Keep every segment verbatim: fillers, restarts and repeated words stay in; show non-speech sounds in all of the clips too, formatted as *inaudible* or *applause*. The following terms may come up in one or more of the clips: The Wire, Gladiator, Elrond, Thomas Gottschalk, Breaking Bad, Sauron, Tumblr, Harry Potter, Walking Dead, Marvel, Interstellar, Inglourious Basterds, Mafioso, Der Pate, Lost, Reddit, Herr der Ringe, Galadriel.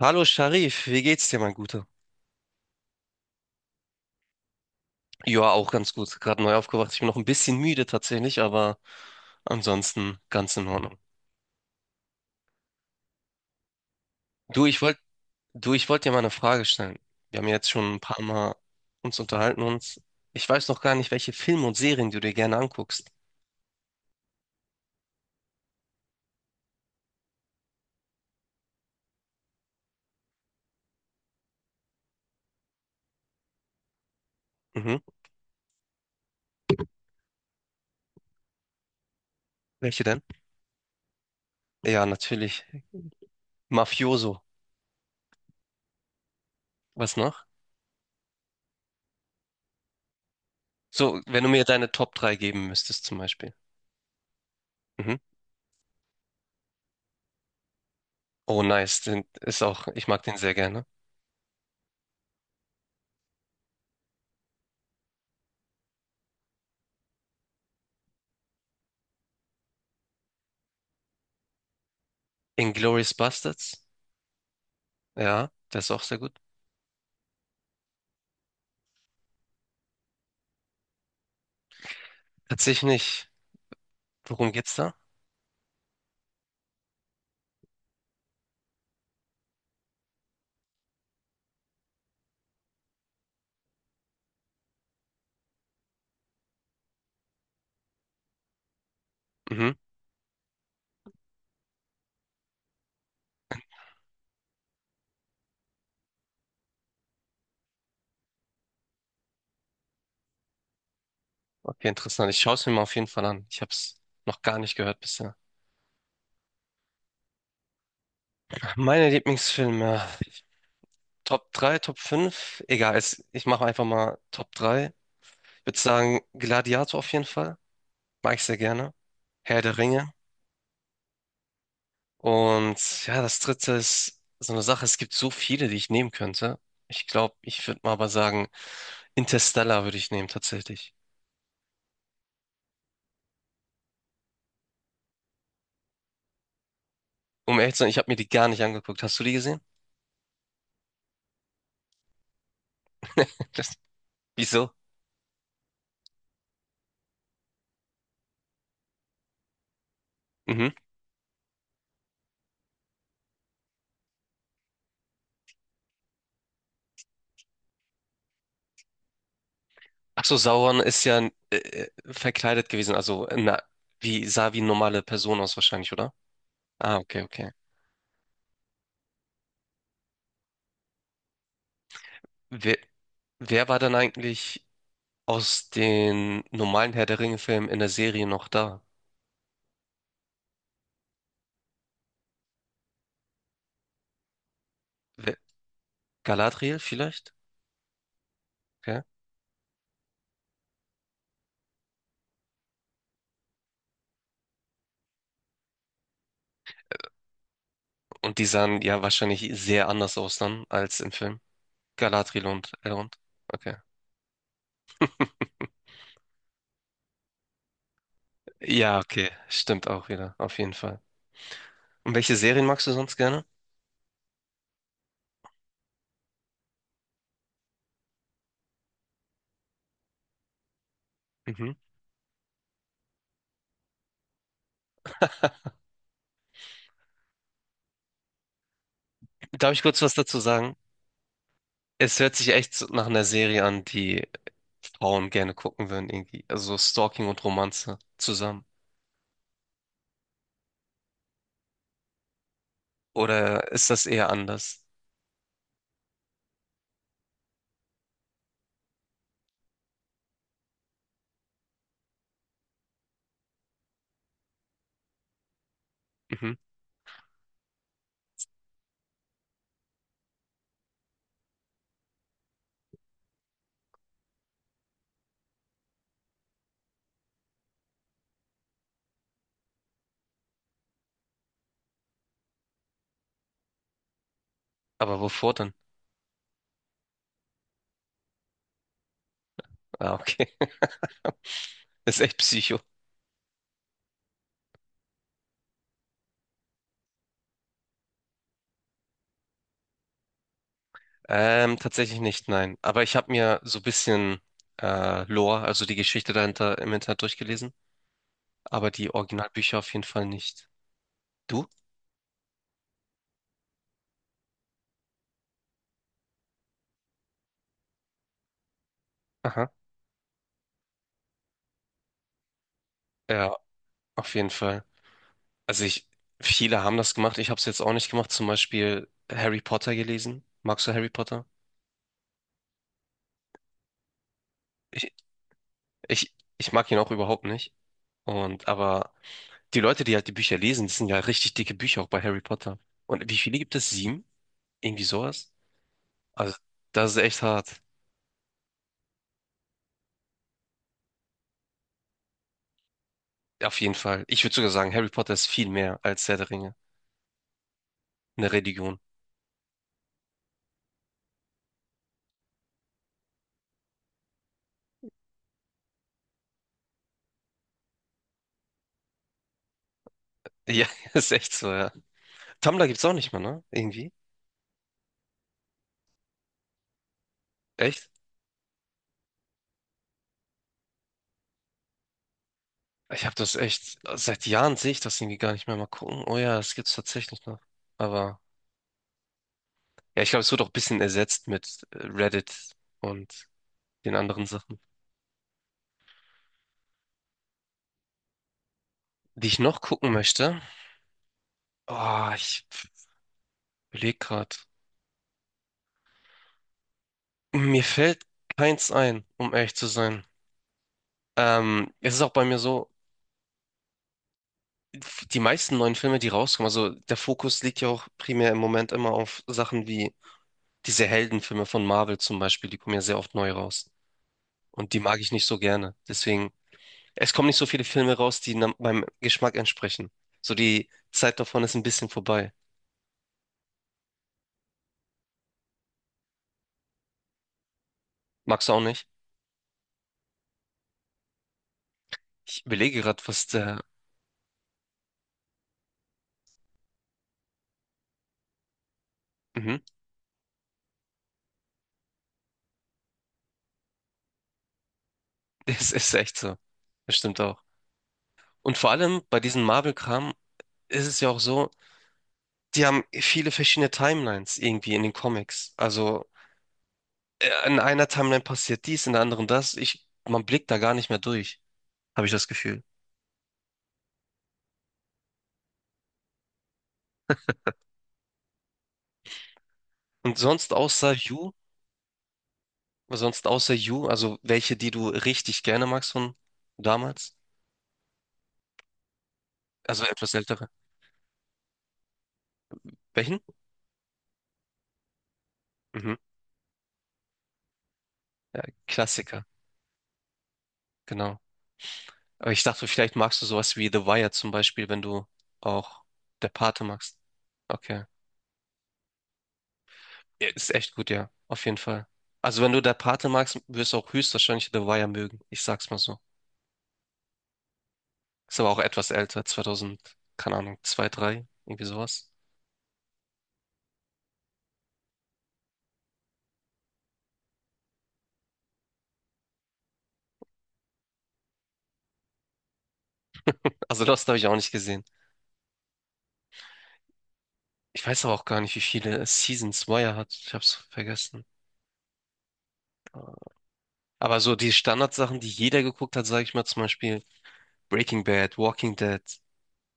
Hallo Sharif, wie geht's dir, mein Guter? Ja, auch ganz gut. Gerade neu aufgewacht. Ich bin noch ein bisschen müde tatsächlich, aber ansonsten ganz in Ordnung. Du, ich wollte, Du, ich wollte dir mal eine Frage stellen. Wir haben ja jetzt schon ein paar Mal uns unterhalten und ich weiß noch gar nicht, welche Filme und Serien du dir gerne anguckst. Mhm. Welche denn? Ja, natürlich. Mafioso. Was noch? So, wenn du mir deine Top drei geben müsstest zum Beispiel. Mhm. Oh, nice. Den ist auch, ich mag den sehr gerne. Inglourious Basterds. Ja, der ist auch sehr gut. Tatsächlich nicht. Worum geht's da? Mhm. Okay, interessant. Ich schaue es mir mal auf jeden Fall an. Ich habe es noch gar nicht gehört bisher. Meine Lieblingsfilme. Top drei, Top fünf, egal, es, ich mache einfach mal Top drei. Ich würde sagen, Gladiator auf jeden Fall. Mag ich sehr gerne. Herr der Ringe. Und ja, das dritte ist so eine Sache, es gibt so viele, die ich nehmen könnte. Ich glaube, ich würde mal aber sagen, Interstellar würde ich nehmen, tatsächlich. Um ehrlich zu sein, ich habe mir die gar nicht angeguckt. Hast du die gesehen? *laughs* Das, wieso? Mhm. Ach so, Sauron ist ja äh, äh, verkleidet gewesen, also äh, na, wie sah wie eine normale Person aus wahrscheinlich, oder? Ah, okay, okay. Wer, wer war dann eigentlich aus den normalen Herr der Ringe-Filmen in der Serie noch da? Wer, Galadriel vielleicht? Okay. Und die sahen ja wahrscheinlich sehr anders aus dann als im Film. Galadriel und Elrond. Okay. Ja, okay. Stimmt auch wieder. Auf jeden Fall. Und welche Serien magst du sonst gerne? Mhm. Darf ich kurz was dazu sagen? Es hört sich echt so nach einer Serie an, die Frauen gerne gucken würden, irgendwie. Also so Stalking und Romanze zusammen. Oder ist das eher anders? Mhm. Aber wovor denn? Ah, okay. *laughs* Ist echt Psycho. Ähm, tatsächlich nicht, nein. Aber ich habe mir so ein bisschen äh, Lore, also die Geschichte dahinter im Internet durchgelesen, aber die Originalbücher auf jeden Fall nicht. Du? Aha. Ja, auf jeden Fall. Also ich, viele haben das gemacht, ich habe es jetzt auch nicht gemacht, zum Beispiel Harry Potter gelesen. Magst du Harry Potter? Ich, ich, ich mag ihn auch überhaupt nicht. Und aber die Leute, die halt die Bücher lesen, das sind ja richtig dicke Bücher auch bei Harry Potter. Und wie viele gibt es? Sieben? Irgendwie sowas? Also das ist echt hart. Auf jeden Fall. Ich würde sogar sagen, Harry Potter ist viel mehr als Herr der Ringe. Eine Religion. Ja, *laughs* ist echt so, ja. Tumblr gibt's auch nicht mehr, ne? Irgendwie. Echt? Ich habe das echt, seit Jahren sehe ich das irgendwie gar nicht mehr. Mal gucken. Oh ja, es gibt's tatsächlich noch. Aber ja, ich glaube, es wird auch ein bisschen ersetzt mit äh, Reddit und den anderen Sachen. Die ich noch gucken möchte. Oh, ich überlege gerade. Mir fällt keins ein, um ehrlich zu sein. Ähm, es ist auch bei mir so, die meisten neuen Filme, die rauskommen, also der Fokus liegt ja auch primär im Moment immer auf Sachen wie diese Heldenfilme von Marvel zum Beispiel, die kommen ja sehr oft neu raus. Und die mag ich nicht so gerne. Deswegen, es kommen nicht so viele Filme raus, die na- meinem Geschmack entsprechen. So die Zeit davon ist ein bisschen vorbei. Magst du auch nicht? Ich überlege gerade, was der. Mhm. *laughs* Es ist echt so. Das stimmt auch. Und vor allem bei diesem Marvel-Kram ist es ja auch so, die haben viele verschiedene Timelines irgendwie in den Comics. Also äh, in einer Timeline passiert dies, in der anderen das. Ich, man blickt da gar nicht mehr durch, habe ich das Gefühl. Und sonst außer You, sonst außer You, also welche, die du richtig gerne magst von damals, also etwas ältere. Welchen? Mhm. Klassiker, genau. Aber ich dachte, vielleicht magst du sowas wie The Wire zum Beispiel, wenn du auch Der Pate magst. Okay. Ja, ist echt gut, ja. Auf jeden Fall. Also wenn du Der Pate magst, wirst du auch höchstwahrscheinlich The Wire mögen. Ich sag's mal so. Ist aber auch etwas älter, zweitausend, keine Ahnung, zwei drei irgendwie sowas. Also Lost habe ich auch nicht gesehen. Ich weiß aber auch gar nicht, wie viele Seasons Wire hat. Ich habe es vergessen. Aber so die Standardsachen, die jeder geguckt hat, sage ich mal zum Beispiel Breaking Bad, Walking Dead,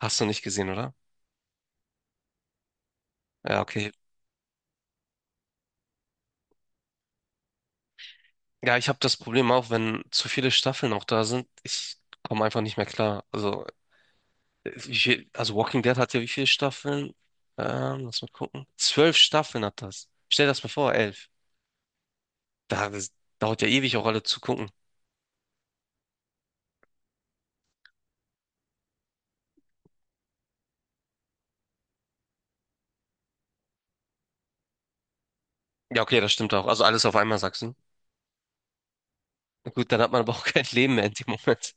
hast du nicht gesehen, oder? Ja, okay. Ja, ich habe das Problem auch, wenn zu viele Staffeln auch da sind, ich komme einfach nicht mehr klar. Also, äh, wie viel, also Walking Dead hat ja wie viele Staffeln? Ähm, lass mal gucken. Zwölf Staffeln hat das. Stell das mal vor, elf. Da, das dauert ja ewig auch alle zu gucken. Ja, okay, das stimmt auch. Also alles auf einmal, sagst du. Na gut, dann hat man aber auch *laughs* kein Leben mehr in dem Moment.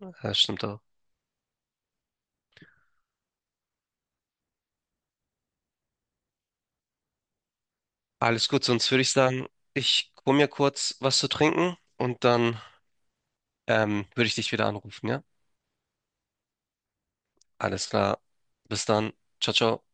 Ja, das stimmt auch. Alles gut, sonst würde ich sagen, ich hol mir kurz was zu trinken und dann ähm, würde ich dich wieder anrufen, ja? Alles klar. Bis dann. Ciao, ciao.